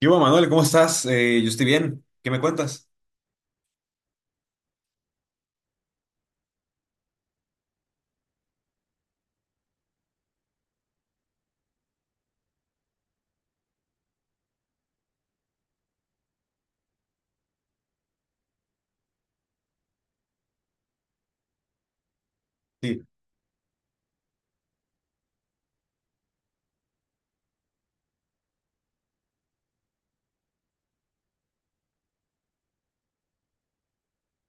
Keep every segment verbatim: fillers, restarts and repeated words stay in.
Yo, Manuel, ¿cómo estás? Eh, yo estoy bien. ¿Qué me cuentas? Sí.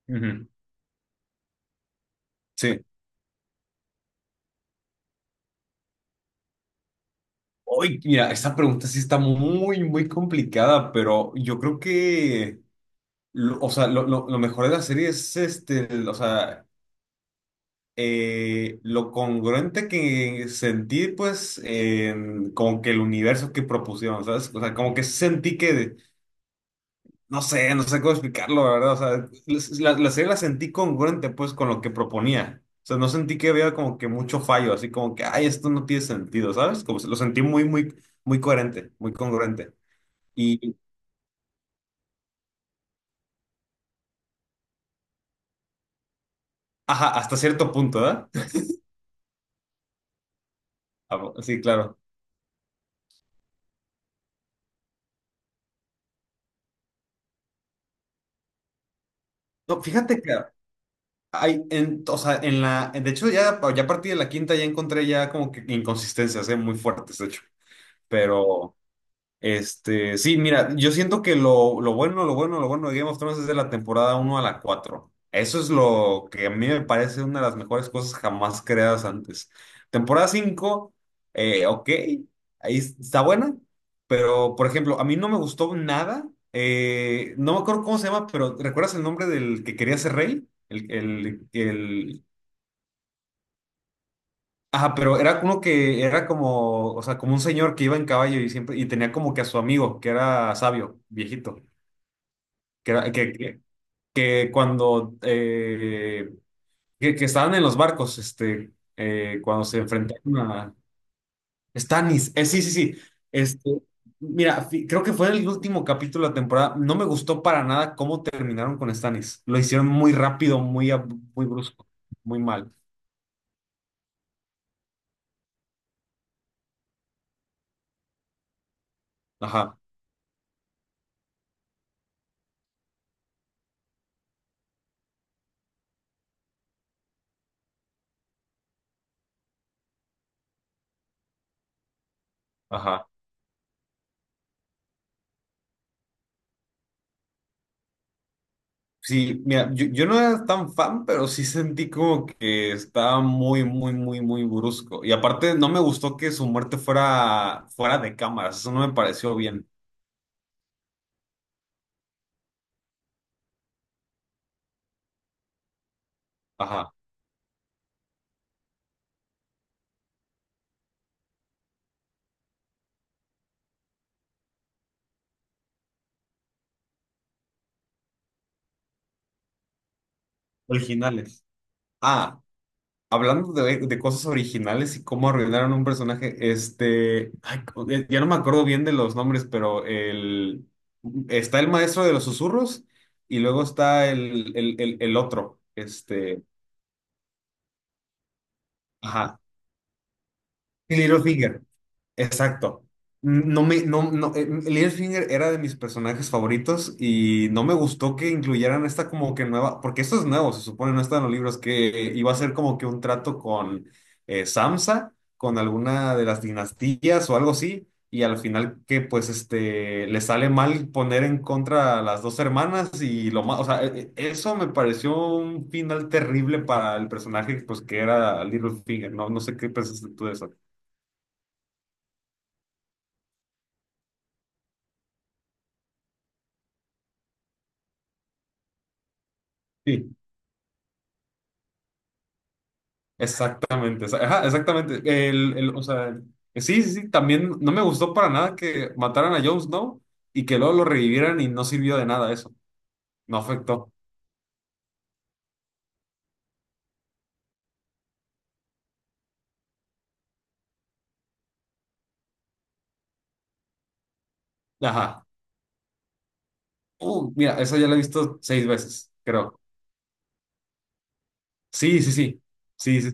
Ujú. Sí. Hoy, mira, esta pregunta sí está muy, muy complicada, pero yo creo que, lo- o sea, lo, lo- lo mejor de la serie es este, el- o sea, eh, lo congruente que sentí, pues, en como que el universo que propusieron, ¿sabes? O sea, como que sentí que no sé, no sé cómo explicarlo, la verdad. O sea, les- la, la serie la sentí congruente, pues, con lo que proponía. O sea, no sentí que había como que mucho fallo, así como que, ay, esto no tiene sentido, ¿sabes? Como se- lo sentí muy, muy, muy coherente, muy congruente. Y, ajá, hasta cierto punto, ¿verdad? Ah, bu- Sí, claro. No, fíjate que hay, en, o sea, en la, de hecho, ya, ya a partir de la quinta ya encontré ya como que inconsistencias, ¿eh? Muy fuertes, de hecho. Pero... Este, sí, mira, yo siento que lo, lo bueno, lo bueno, lo bueno de Game of Thrones es de la temporada uno a la cuatro. Eso es lo que a mí me parece una de las mejores cosas jamás creadas antes. Temporada cinco, eh, ok, ahí está buena, pero por ejemplo, a mí no me gustó nada. Eh, no me acuerdo cómo se llama, pero ¿recuerdas el nombre del que quería ser rey? El, el, el, Ajá, pero era como que, era como, o sea, como un señor que iba en caballo y siempre, y tenía como que a su amigo, que era sabio, viejito, que era, que, que, que cuando, eh, que, que estaban en los barcos, este, eh, cuando se enfrentaron a Stannis, eh, sí, sí, sí, este, mira, fi- creo que fue el último capítulo de la temporada, no me gustó para nada cómo terminaron con Stannis, lo hicieron muy rápido, muy, ab- muy brusco, muy mal, ajá, ajá. Sí, mira, yo, yo no era tan fan, pero sí sentí como que estaba muy, muy, muy, muy brusco. Y aparte, no me gustó que su muerte fuera fuera de cámaras. Eso no me pareció bien. Ajá. Originales. Ah, hablando de, de cosas originales y cómo arruinaron un personaje, este, ay, co- eh, ya no me acuerdo bien de los nombres, pero el, está el maestro de los susurros y luego está el, el, el, el otro, este, ajá, Littlefinger. Exacto. No me, no, no, eh, Littlefinger era de mis personajes favoritos y no me gustó que incluyeran esta como que nueva, porque esto es nuevo, se supone, no está en los libros, que iba a ser como que un trato con eh, Samsa, con alguna de las dinastías o algo así, y al final que pues este, le sale mal poner en contra a las dos hermanas y lo más, o sea, eh, eh, eso me pareció un final terrible para el personaje pues que era Littlefinger, no, no sé qué pensaste tú de eso. Sí. Exactamente, exa- ajá, exactamente. El, el- o sea, eh, sí, sí, sí, también no me gustó para nada que mataran a Jon Snow y que luego lo revivieran y no sirvió de nada eso. No afectó. Ajá. Uh, mira, esa ya la he visto seis veces, creo. Sí, sí, sí. Sí, sí,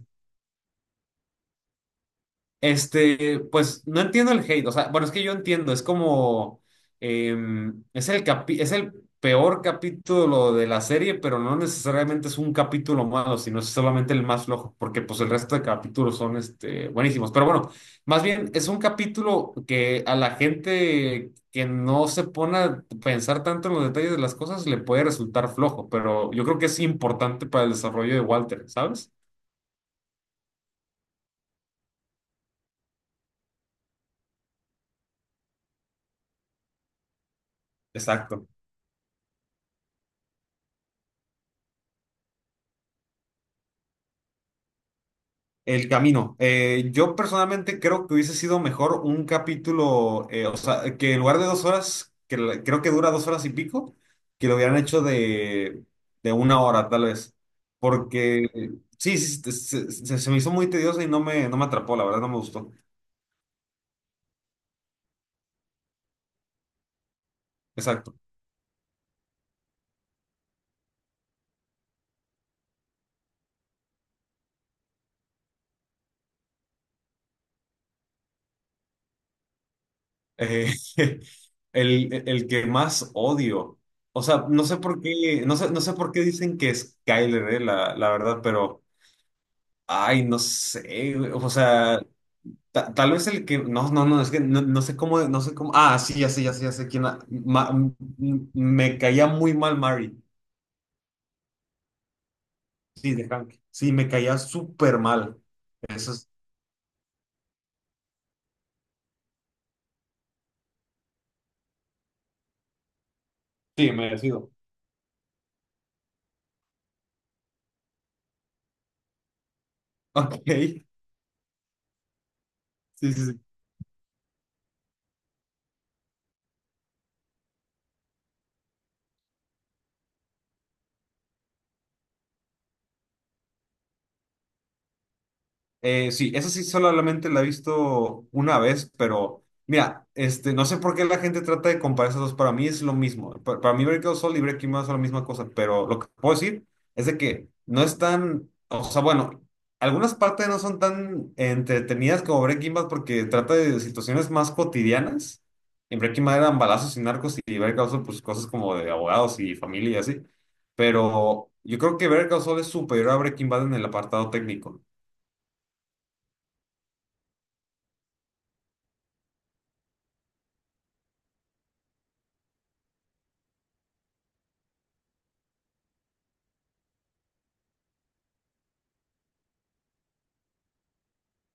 este, pues no entiendo el hate, o sea, bueno, es que yo entiendo, es como, em, es el capi- es el peor capítulo de la serie, pero no necesariamente es un capítulo malo, sino es solamente el más flojo, porque pues el resto de capítulos son, este, buenísimos. Pero bueno, más bien es un capítulo que a la gente que no se pone a pensar tanto en los detalles de las cosas le puede resultar flojo, pero yo creo que es importante para el desarrollo de Walter, ¿sabes? Exacto. El camino. Eh, yo personalmente creo que hubiese sido mejor un capítulo, eh, o sea, que en lugar de dos horas, que la- creo que dura dos horas y pico, que lo hubieran hecho de, de una hora, tal vez. Porque eh, sí, sí, se, se- se- se me hizo muy tedioso y no me, no me atrapó, la verdad, no me gustó. Exacto. Eh, el, el que más odio. O sea, no sé por qué, no sé, no sé por qué dicen que es Skyler, eh, la, la verdad, pero. Ay, no sé, güey, o sea. Ta- tal vez el que. No, no, no, es que no, no sé cómo. No sé cómo. Ah, sí, ya sé, ya sé, ya sé quién. La- Ma- m- m- me caía muy mal Mary. Sí, de Hank. Sí, me caía súper mal. Eso es. Sí, merecido. Ok. Sí, sí, sí. Eh, sí, esa sí solamente la he visto una vez, pero mira, este, no sé por qué la gente trata de comparar esas dos. Para mí es lo mismo. Pa- Para mí, Breaking Soul y Breaking Bad son la misma cosa, pero lo que puedo decir es de que no están, o sea, bueno, algunas partes no son tan entretenidas como Breaking Bad porque trata de situaciones más cotidianas. En Breaking Bad eran balazos y narcos y Better Call Saul, pues cosas como de abogados y familia y así. Pero yo creo que Better Call Saul es superior a Breaking Bad en el apartado técnico.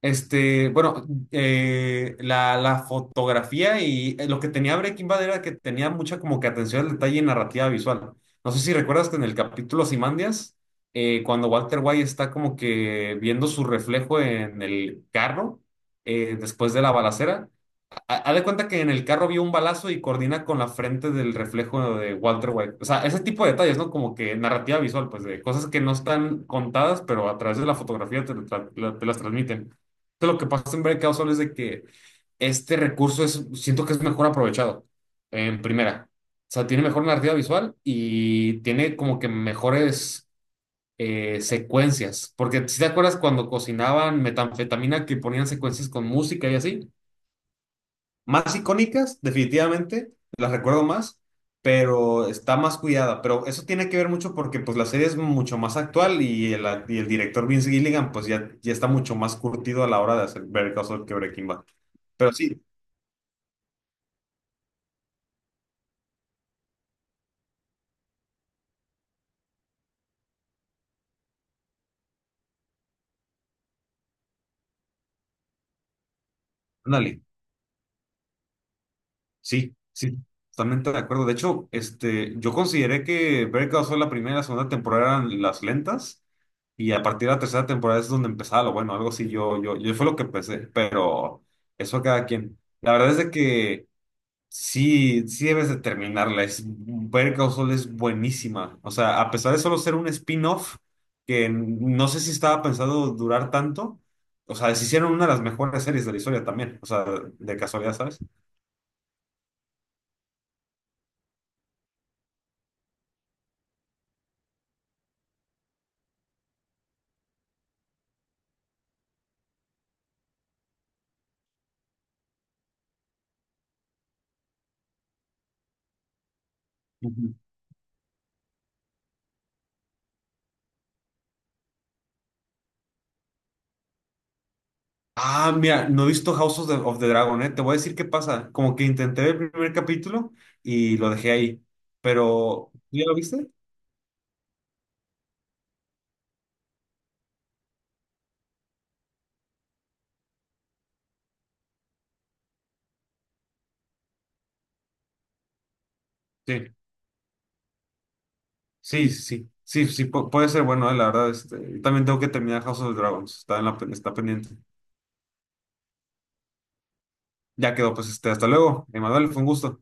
Este, bueno, eh, la, la fotografía y eh, lo que tenía Breaking Bad era que tenía mucha como que atención al detalle y narrativa visual. No sé si recuerdas que en el capítulo Simandias, eh, cuando Walter White está como que viendo su reflejo en el carro eh, después de la balacera, ha- haz de cuenta que en el carro vio un balazo y coordina con la frente del reflejo de Walter White. O sea, ese tipo de detalles, ¿no? Como que narrativa visual, pues de cosas que no están contadas, pero a través de la fotografía te, tra- la- te las transmiten. Entonces, lo que pasa en Breakout Solo es de que este recurso es, siento que es mejor aprovechado en primera. O sea, tiene mejor narrativa visual y tiene como que mejores eh, secuencias. Porque si te acuerdas cuando cocinaban metanfetamina que ponían secuencias con música y así. Más icónicas, definitivamente, las recuerdo más, pero está más cuidada. Pero eso tiene que ver mucho porque pues la serie es mucho más actual y el, y el director Vince Gilligan pues ya, ya está mucho más curtido a la hora de hacer Better Call Saul que Breaking Bad. Pero sí, ándale, sí, sí, totalmente de acuerdo. De hecho, este, yo consideré que Better Call Saul la primera y la segunda temporada eran las lentas y a partir de la tercera temporada es donde empezaba lo bueno, algo así yo, yo, yo fue lo que pensé, pero eso a cada quien. La verdad es de que... Sí, sí debes de terminarla. Es, Better Call es buenísima. O sea, a pesar de solo ser un spin-off, que no sé si estaba pensado durar tanto, o sea, se hicieron una de las mejores series de la historia también. O sea, de casualidad, ¿sabes? Ujú. Ah, mira, no he visto House of the, of the Dragon, ¿eh? Te voy a decir qué pasa. Como que intenté ver el primer capítulo y lo dejé ahí. Pero, ¿tú ¿ya lo viste? Sí, sí, sí. Sí, sí, pu- puede ser bueno, eh, la verdad. Este, yo también tengo que terminar House of the Dragons. Está en la, pen- está pendiente. Ya quedó, pues este, hasta luego. Emanuel, fue un gusto.